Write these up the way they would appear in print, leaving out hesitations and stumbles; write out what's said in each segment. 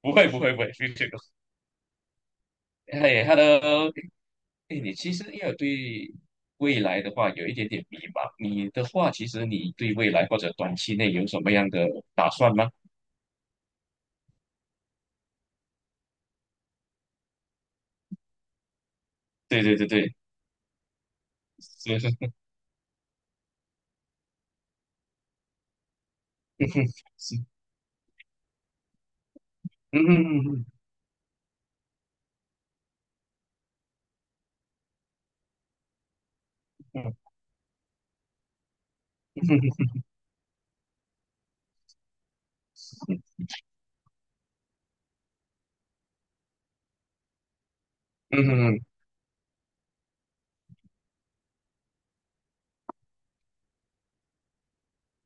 不会不会不会，非这个。哎，Hello。哎，你其实要有对未来的话有一点点迷茫。你的话，其实你对未来或者短期内有什么样的打算吗？对对对对。是是。嗯是。嗯嗯嗯嗯嗯嗯嗯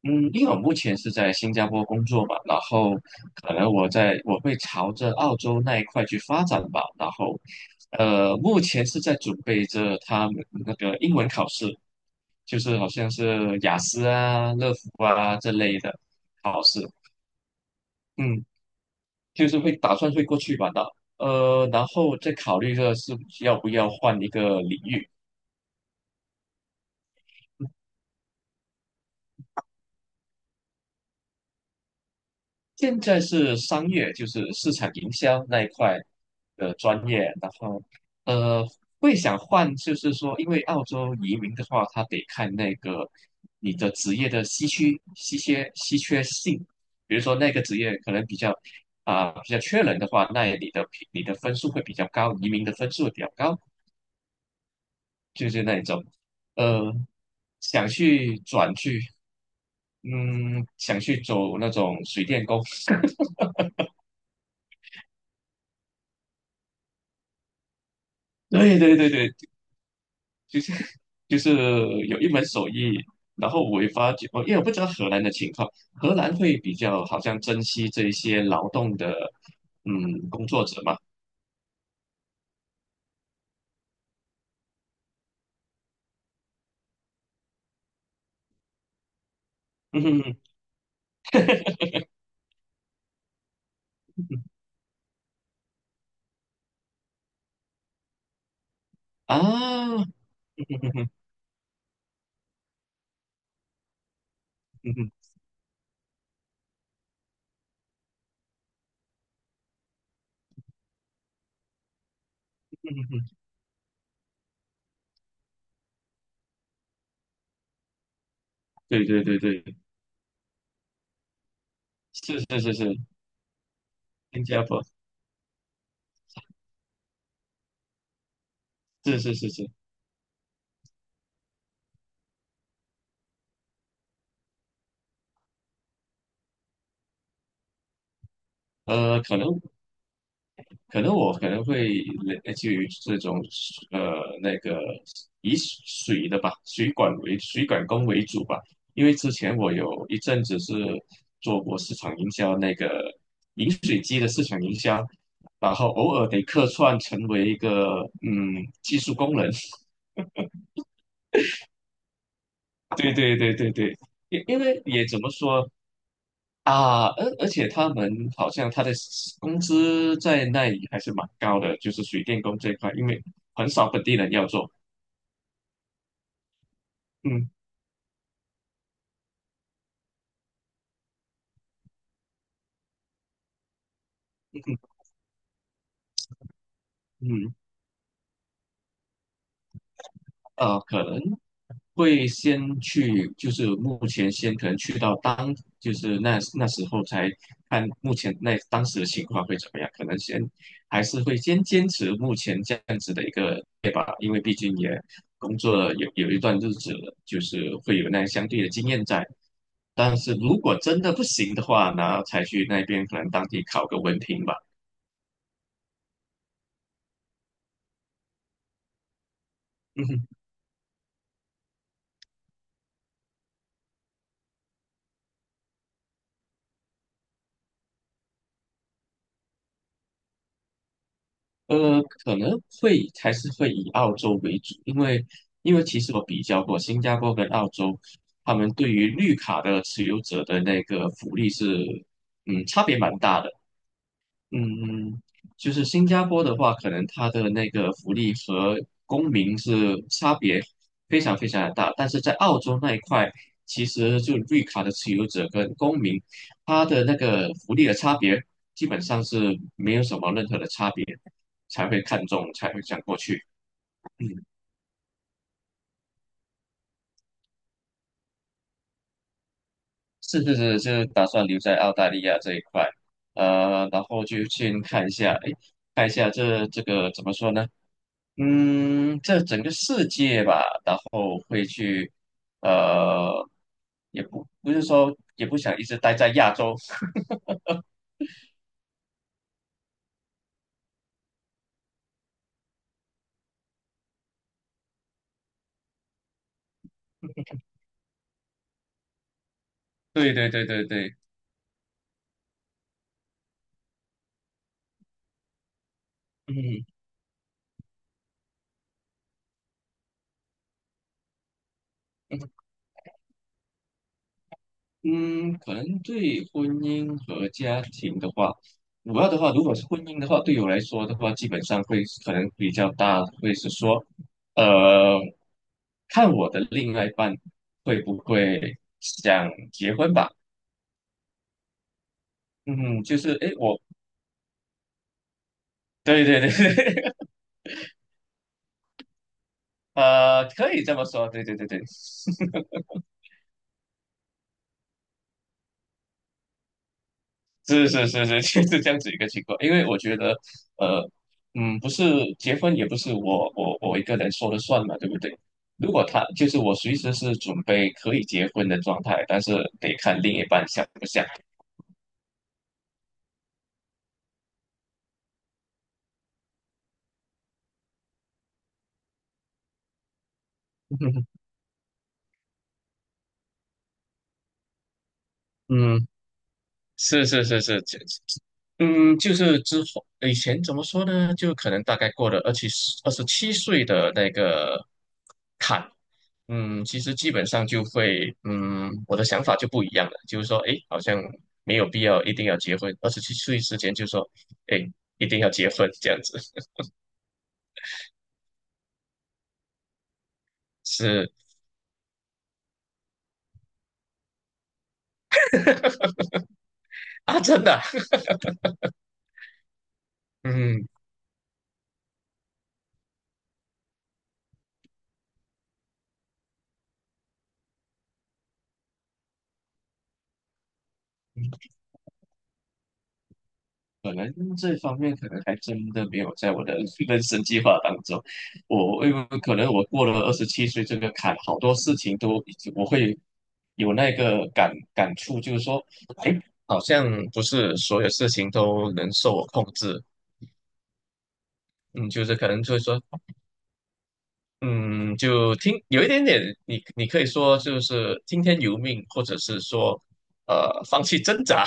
嗯。因为我目前是在新加坡工作嘛，然后可能我会朝着澳洲那一块去发展吧。然后目前是在准备着他们那个英文考试，就是好像是雅思啊、乐福啊这类的考试。嗯，就是会打算会过去吧的。然后再考虑着是要不要换一个领域。现在是商业，就是市场营销那一块的专业。然后呃，会想换，就是说，因为澳洲移民的话，他得看那个你的职业的稀缺性，比如说那个职业可能比较缺人的话，那你的分数会比较高，移民的分数会比较高。就是那一种。呃，想去转去。嗯，想去走那种水电工。对对对对。就是有一门手艺，然后我也发觉，因为我不知道荷兰的情况，荷兰会比较好像珍惜这一些劳动的，嗯，工作者嘛。嗯哼哼。啊，嗯哼哼。嗯哼。嗯哼哼。对对对对。是是是是。新加坡。是是是是。呃，可能可能我可能会类基于这种呃那个以水的吧，水管为水管工为主吧。因为之前我有一阵子是做过市场营销，那个饮水机的市场营销，然后偶尔得客串成为一个技术工人。对对对对对。因为也怎么说。啊，而且他们好像他的 工资在那里还是蛮高的，就是水电工这一块，因为很少本地人要做。嗯嗯嗯。可能。会先去，就是目前先可能去到当，就是那时候才看目前那当时的情况会怎么样，可能先还是会先坚持目前这样子的一个对吧，因为毕竟也工作了有一段日子了，就是会有那相对的经验在。但是如果真的不行的话，然后才去那边可能当地考个文凭吧。可能会还是会以澳洲为主。因为其实我比较过新加坡跟澳洲，他们对于绿卡的持有者的那个福利是，嗯，差别蛮大的。嗯，嗯。就是新加坡的话，可能它的那个福利和公民是差别非常非常的大。但是在澳洲那一块，其实就绿卡的持有者跟公民，他的那个福利的差别基本上是没有什么任何的差别，才会看中，才会想过去。嗯，是是是。就打算留在澳大利亚这一块。然后就先看一下。哎，看一下这个怎么说呢？嗯，这整个世界吧，然后会去。呃，也不是说也不想一直待在亚洲。对对对对对。嗯嗯。可能对婚姻和家庭的话，主要的话，如果是婚姻的话，对我来说的话，基本上会可能比较大，会是说，呃，看我的另外一半会不会想结婚吧。嗯，就是诶，我对对对。可以这么说。对对对对。是是是是。就是这样子一个情况。因为我觉得，呃，不是结婚也不是我一个人说了算嘛，对不对？如果他就是我随时是准备可以结婚的状态，但是得看另一半想不想。嗯。是是是是。就是之后以前怎么说呢？就可能大概过了二十七岁的那个坎。其实基本上就会，我的想法就不一样了，就是说，诶，好像没有必要一定要结婚，二十七岁之前就说，诶，一定要结婚这样子。是啊，真的啊。嗯。可能这方面可能还真的没有在我的 人生计划当中。我因为可能我过了二十七岁这个坎，好多事情都已经我会有那个感触，就是说好像不是所有事情都能受我控制。嗯，就是可能就是说。嗯，就听有一点点，你可以说就是听天由命，或者是说放弃挣扎。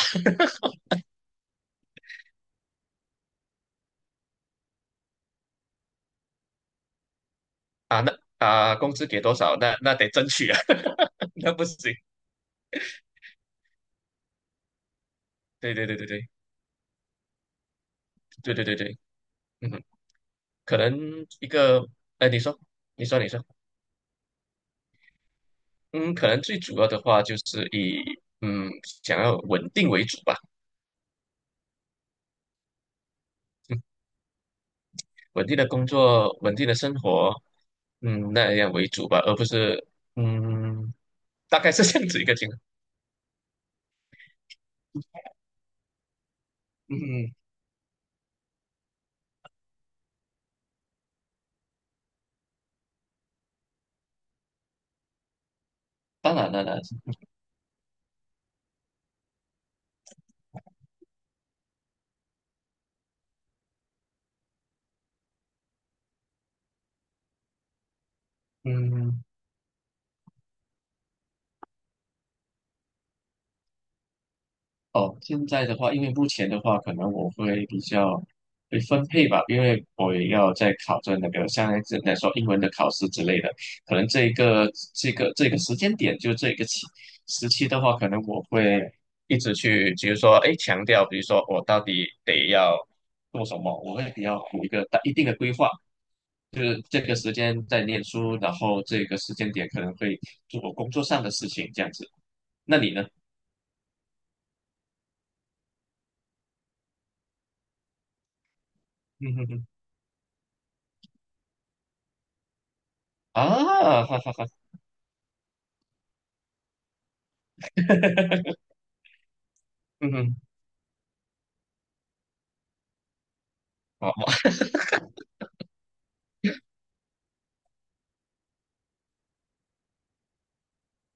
啊，那啊工资给多少，那得争取啊。那不行。对对对对对。对对对对。嗯哼。可能一个。哎，你说。你说，你说。嗯，可能最主要的话就是以嗯想要稳定为主吧，稳定的工作，稳定的生活。那样为主吧，而不是嗯，大概是这样子一个情况。嗯，当然了，当然。嗯。哦，现在的话，因为目前的话，可能我会比较会分配吧，因为我也要在考证那个像来说英文的考试之类的，可能这个时间点，就这个时期的话，可能我会一直去，比如说，哎，强调，比如说我到底得要做什么，我会比较有一个一定的规划，就是这个时间在念书，然后这个时间点可能会做工作上的事情，这样子。那你呢？啊，哈哈哈。嗯哼。好，好。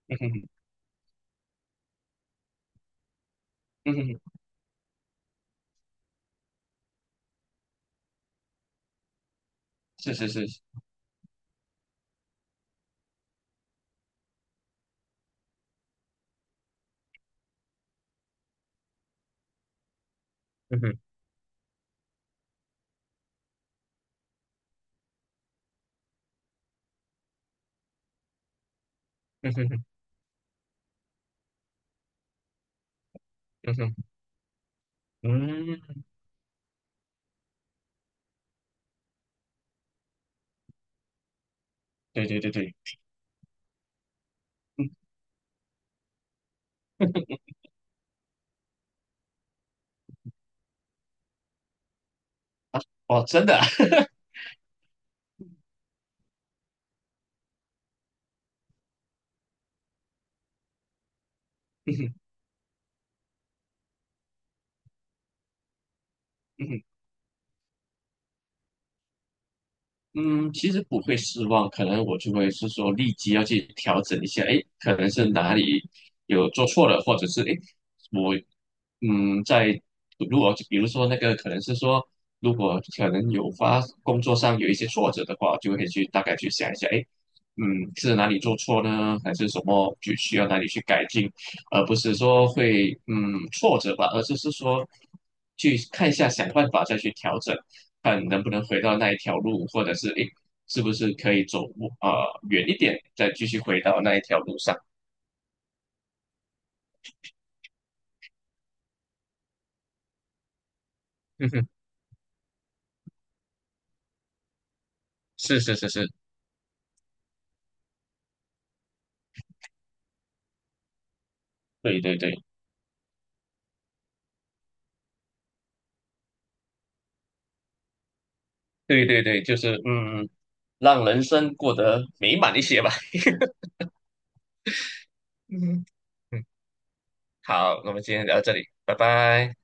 嗯哼。嗯哼。是是是。嗯哼。嗯哼。嗯哼。嗯，对对对对。嗯。哦，真的啊。嗯哼。嗯哼。嗯，其实不会失望，可能我就会是说立即要去调整一下。诶，可能是哪里有做错了，或者是诶，我嗯，在如果比如说那个可能是说，如果可能工作上有一些挫折的话，就会去大概去想一下，诶，嗯，是哪里做错呢？还是什么就需要哪里去改进，而不是说会挫折吧，而是说去看一下想办法再去调整。看能不能回到那一条路，或者是诶，是不是可以走呃远一点，再继续回到那一条路上。嗯哼。是是是是。对对对对对对。就是让人生过得美满一些吧。嗯哼。嗯，好，那我们今天聊到这里，拜拜。